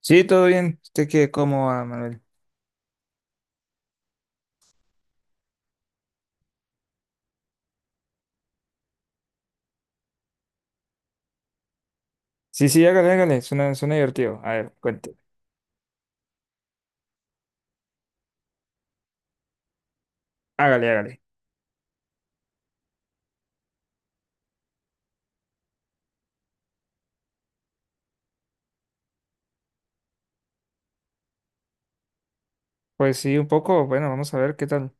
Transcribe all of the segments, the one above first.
Sí, todo bien. ¿Usted qué, cómo va, Manuel? Sí, sí, hágale, hágale. Suena divertido. A ver, cuente. Hágale, hágale. Pues sí, un poco. Bueno, vamos a ver qué tal.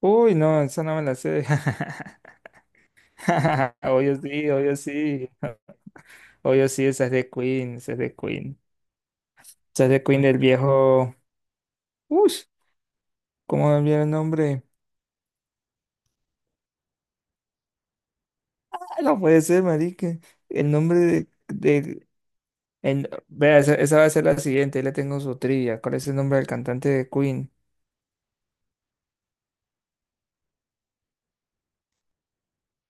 Uy, no, esa no me la sé. Obvio sí, obvio sí. Obvio sí, esa es de Queen, esa es de Queen. Esa es de Queen del viejo. Uy, ¿cómo me olvidé el nombre? Ah, no puede ser, marica. El nombre de... Vea, esa va a ser la siguiente. Ahí le tengo su trivia. ¿Cuál es el nombre del cantante de Queen?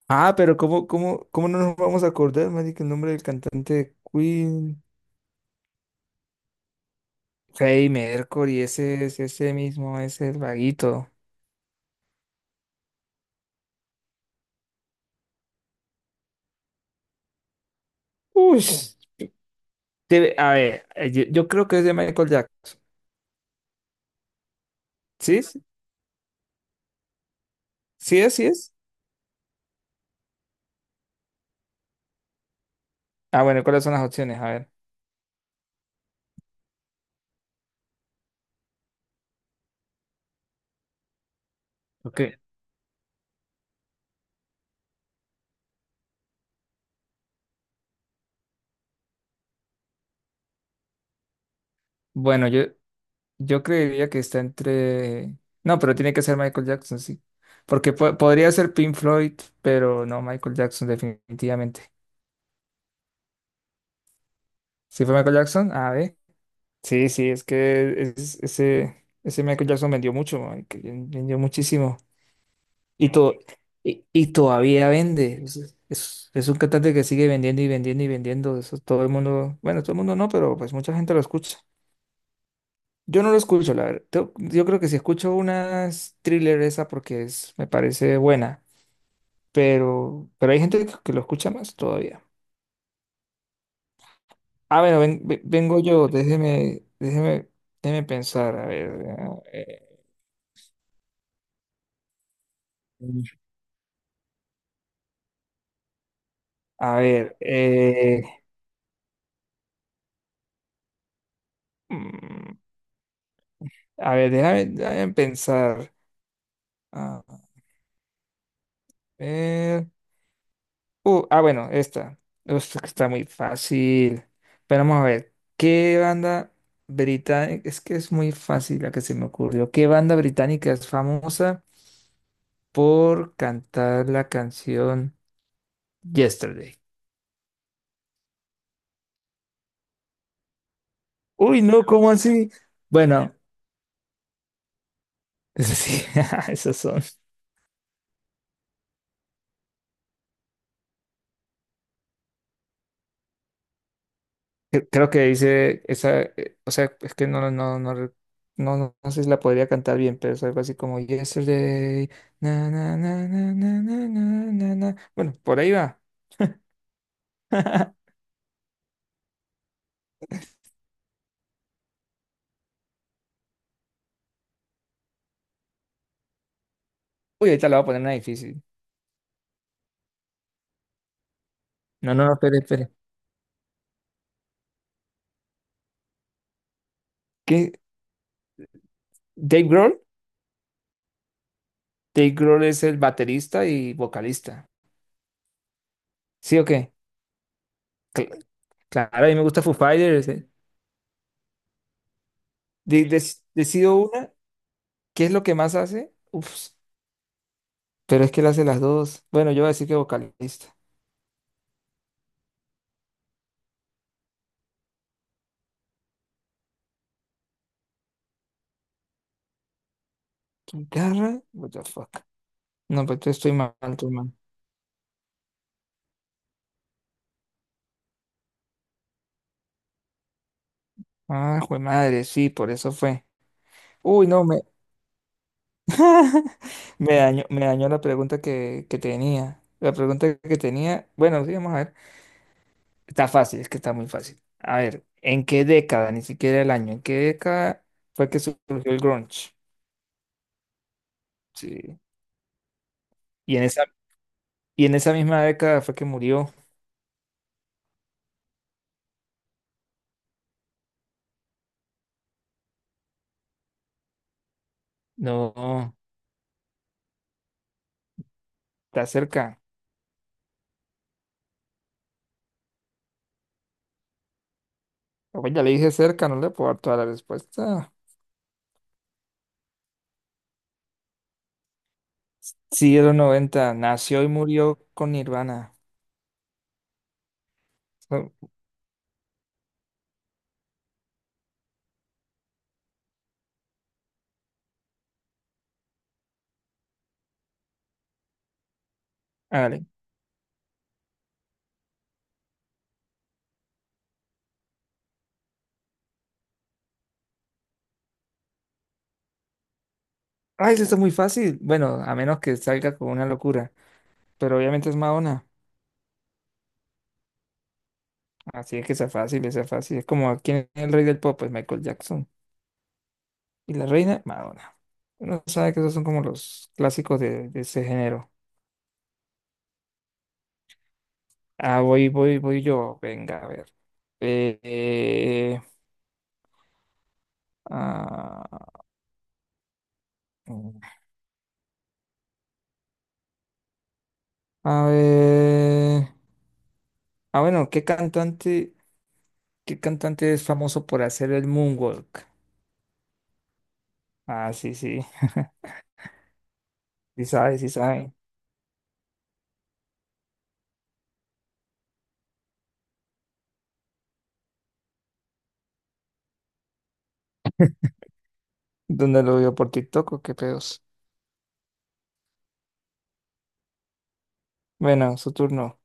Ah, pero ¿cómo no nos vamos a acordar, marica, el nombre del cantante de Queen? Freddie Mercury, ese es ese mismo, ese el vaguito. Uy, a ver, yo creo que es de Michael Jackson. ¿Sí? ¿es? ¿Sí es? ¿Sí es? Ah, bueno, ¿cuáles son las opciones? A ver. Ok. Bueno, yo creería que está entre... No, pero tiene que ser Michael Jackson, sí. Porque podría ser Pink Floyd, pero no Michael Jackson, definitivamente. ¿Sí fue Michael Jackson? A ver. Sí, sí, es que ese, ese Michael Jackson vendió mucho, man, que vendió muchísimo. Y, to- y todavía vende. Es un cantante que sigue vendiendo y vendiendo y vendiendo. Eso todo el mundo, bueno, todo el mundo no, pero pues mucha gente lo escucha. Yo no lo escucho, la verdad. Yo creo que si escucho unas thriller esa porque es, me parece buena, pero hay gente que lo escucha más todavía. Ah, bueno, vengo yo, déjeme, déjeme, déjeme pensar, a ver. eh, A ver, mm, a ver, déjame, déjame pensar. A ver. Bueno, esta. Esta que está muy fácil. Pero vamos a ver. ¿Qué banda británica? Es que es muy fácil la que se me ocurrió. ¿Qué banda británica es famosa por cantar la canción Yesterday? Uy, no, ¿cómo así? Bueno, eso sí, esos son. Creo que dice esa, o sea, es que no sé si la podría cantar bien, pero es algo así como Yesterday, na, na, na, na, na, na, na, na, na". Bueno, por ahí va. Uy, ahorita la voy a poner una difícil. No, no, no, espere. ¿Qué? ¿Dave Grohl? Dave Grohl es el baterista y vocalista. ¿Sí o qué? Cl- claro, a mí me gusta Foo Fighters. Decido una, ¿qué es lo que más hace? Uf, pero es que él hace las dos. Bueno, yo voy a decir que vocalista. ¿Guitarra? What the fuck. No, pues tú estoy mal, tú mal. Ah, jue madre, sí, por eso fue. Uy, no, me dañó la pregunta que tenía. La pregunta que tenía, bueno, sí, vamos a ver. Está fácil, es que está muy fácil. A ver, ¿en qué década? Ni siquiera el año. ¿En qué década fue que surgió el grunge? Sí. Y en esa, y en esa misma década fue que murió. No, está cerca. Oye, ya le dije cerca, no le puedo dar toda la respuesta. Sí, de los 90. Nació y murió con Nirvana. So, hágale. Ay, eso está muy fácil. Bueno, a menos que salga con una locura. Pero obviamente es Madonna. Así es que sea fácil, sea fácil. Es como quién es el rey del pop, es Michael Jackson. Y la reina, Madonna. Uno sabe que esos son como los clásicos de ese género. Ah, voy, voy, voy yo. Venga, a ver. Eh, eh, ah, mm, a ver. Ah, bueno, ¿qué cantante? ¿Qué cantante es famoso por hacer el moonwalk? Ah, sí, sí. Sí sabe, sí sabe. ¿Dónde lo vio? ¿Por TikTok o qué pedos? Bueno, su turno.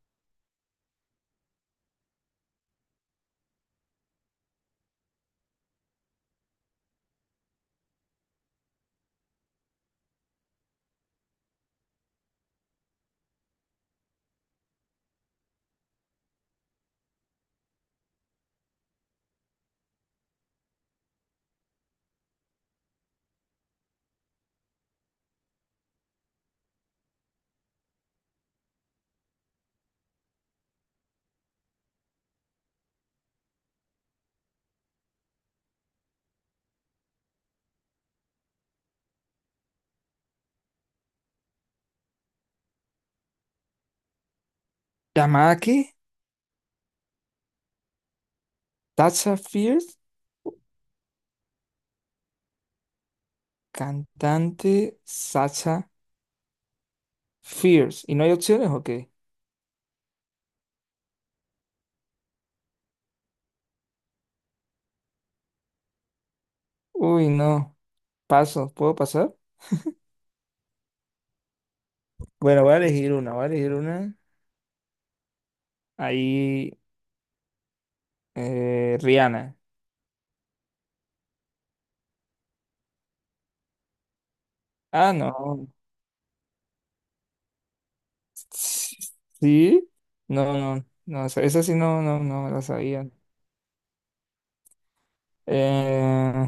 Tamaki, Sacha Fierce, cantante Sacha Fierce. ¿Y no hay opciones o qué? Uy, no. Paso, ¿puedo pasar? Bueno, voy a elegir una, voy a elegir una. Ahí, Rihanna. Ah, no. ¿Sí? No, no, no, esa esa sí no, no, no me la sabía. Eh,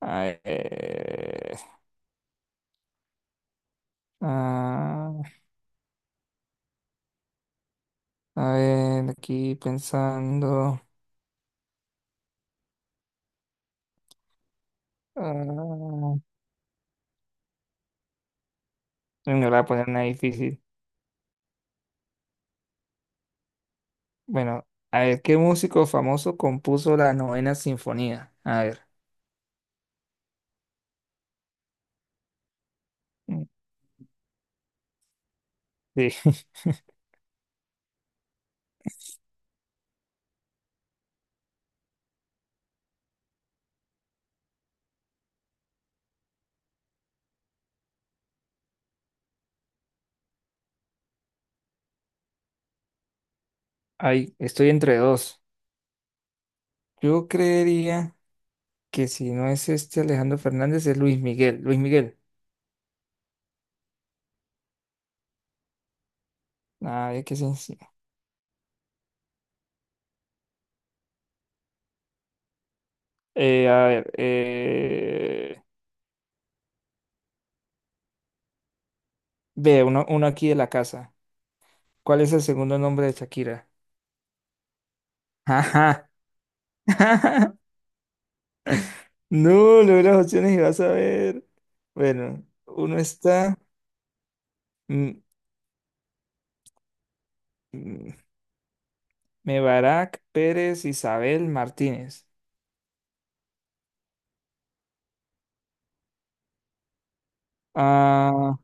A ver, ah, a ver, aquí pensando. ah, no le voy a poner una difícil. Bueno, a ver, ¿qué músico famoso compuso la novena sinfonía? A ver. mm, Sí, ay, estoy entre dos. Yo creería que si no es este Alejandro Fernández, es Luis Miguel. Luis Miguel. A ver, qué sencillo. Eh, a ver, eh, ve, uno aquí de la casa. ¿Cuál es el segundo nombre de Shakira? Ajá. No, leo las opciones y vas a ver. Bueno, uno está mm, mm, Mebarak Pérez Isabel Martínez. Ah,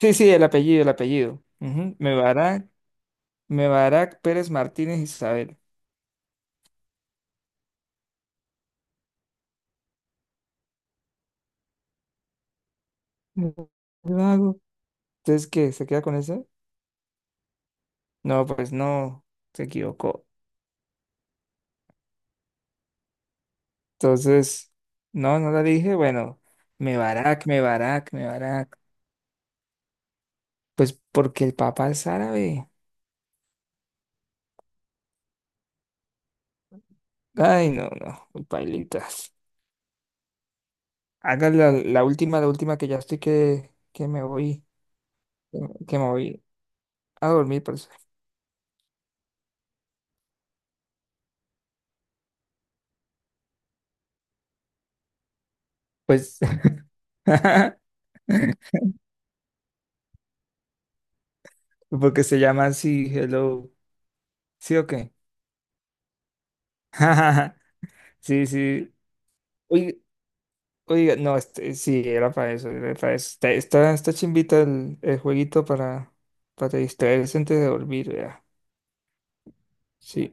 sí, sí, el apellido, el apellido. Ujú, Mebarak Pérez Martínez Isabel. Mm, Lo hago. Entonces, ¿qué? ¿Se queda con eso? No, pues no, se equivocó. Entonces, no, no la dije. Bueno, Mebarak. Pues porque el papá es árabe. Ay, no, no, pailitas. Haga la, la última que ya estoy que me voy, que me voy a dormir, parce. Pues, porque se llama así, hello. ¿Sí o qué? Sí, sí. Oiga, oiga, no, este, sí, era para eso, era para eso. Está chimbita el jueguito para distraerse antes de dormir, vea. Sí,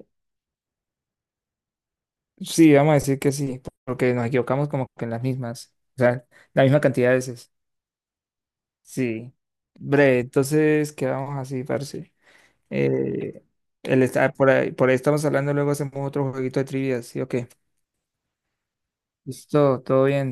sí, vamos a decir que sí, porque nos equivocamos como que en las mismas, o sea, la misma cantidad de veces. Sí, bre. Entonces quedamos así, parce. Eh, por ahí estamos hablando, luego hacemos otro jueguito de trivias, ¿sí o qué? Listo, todo bien.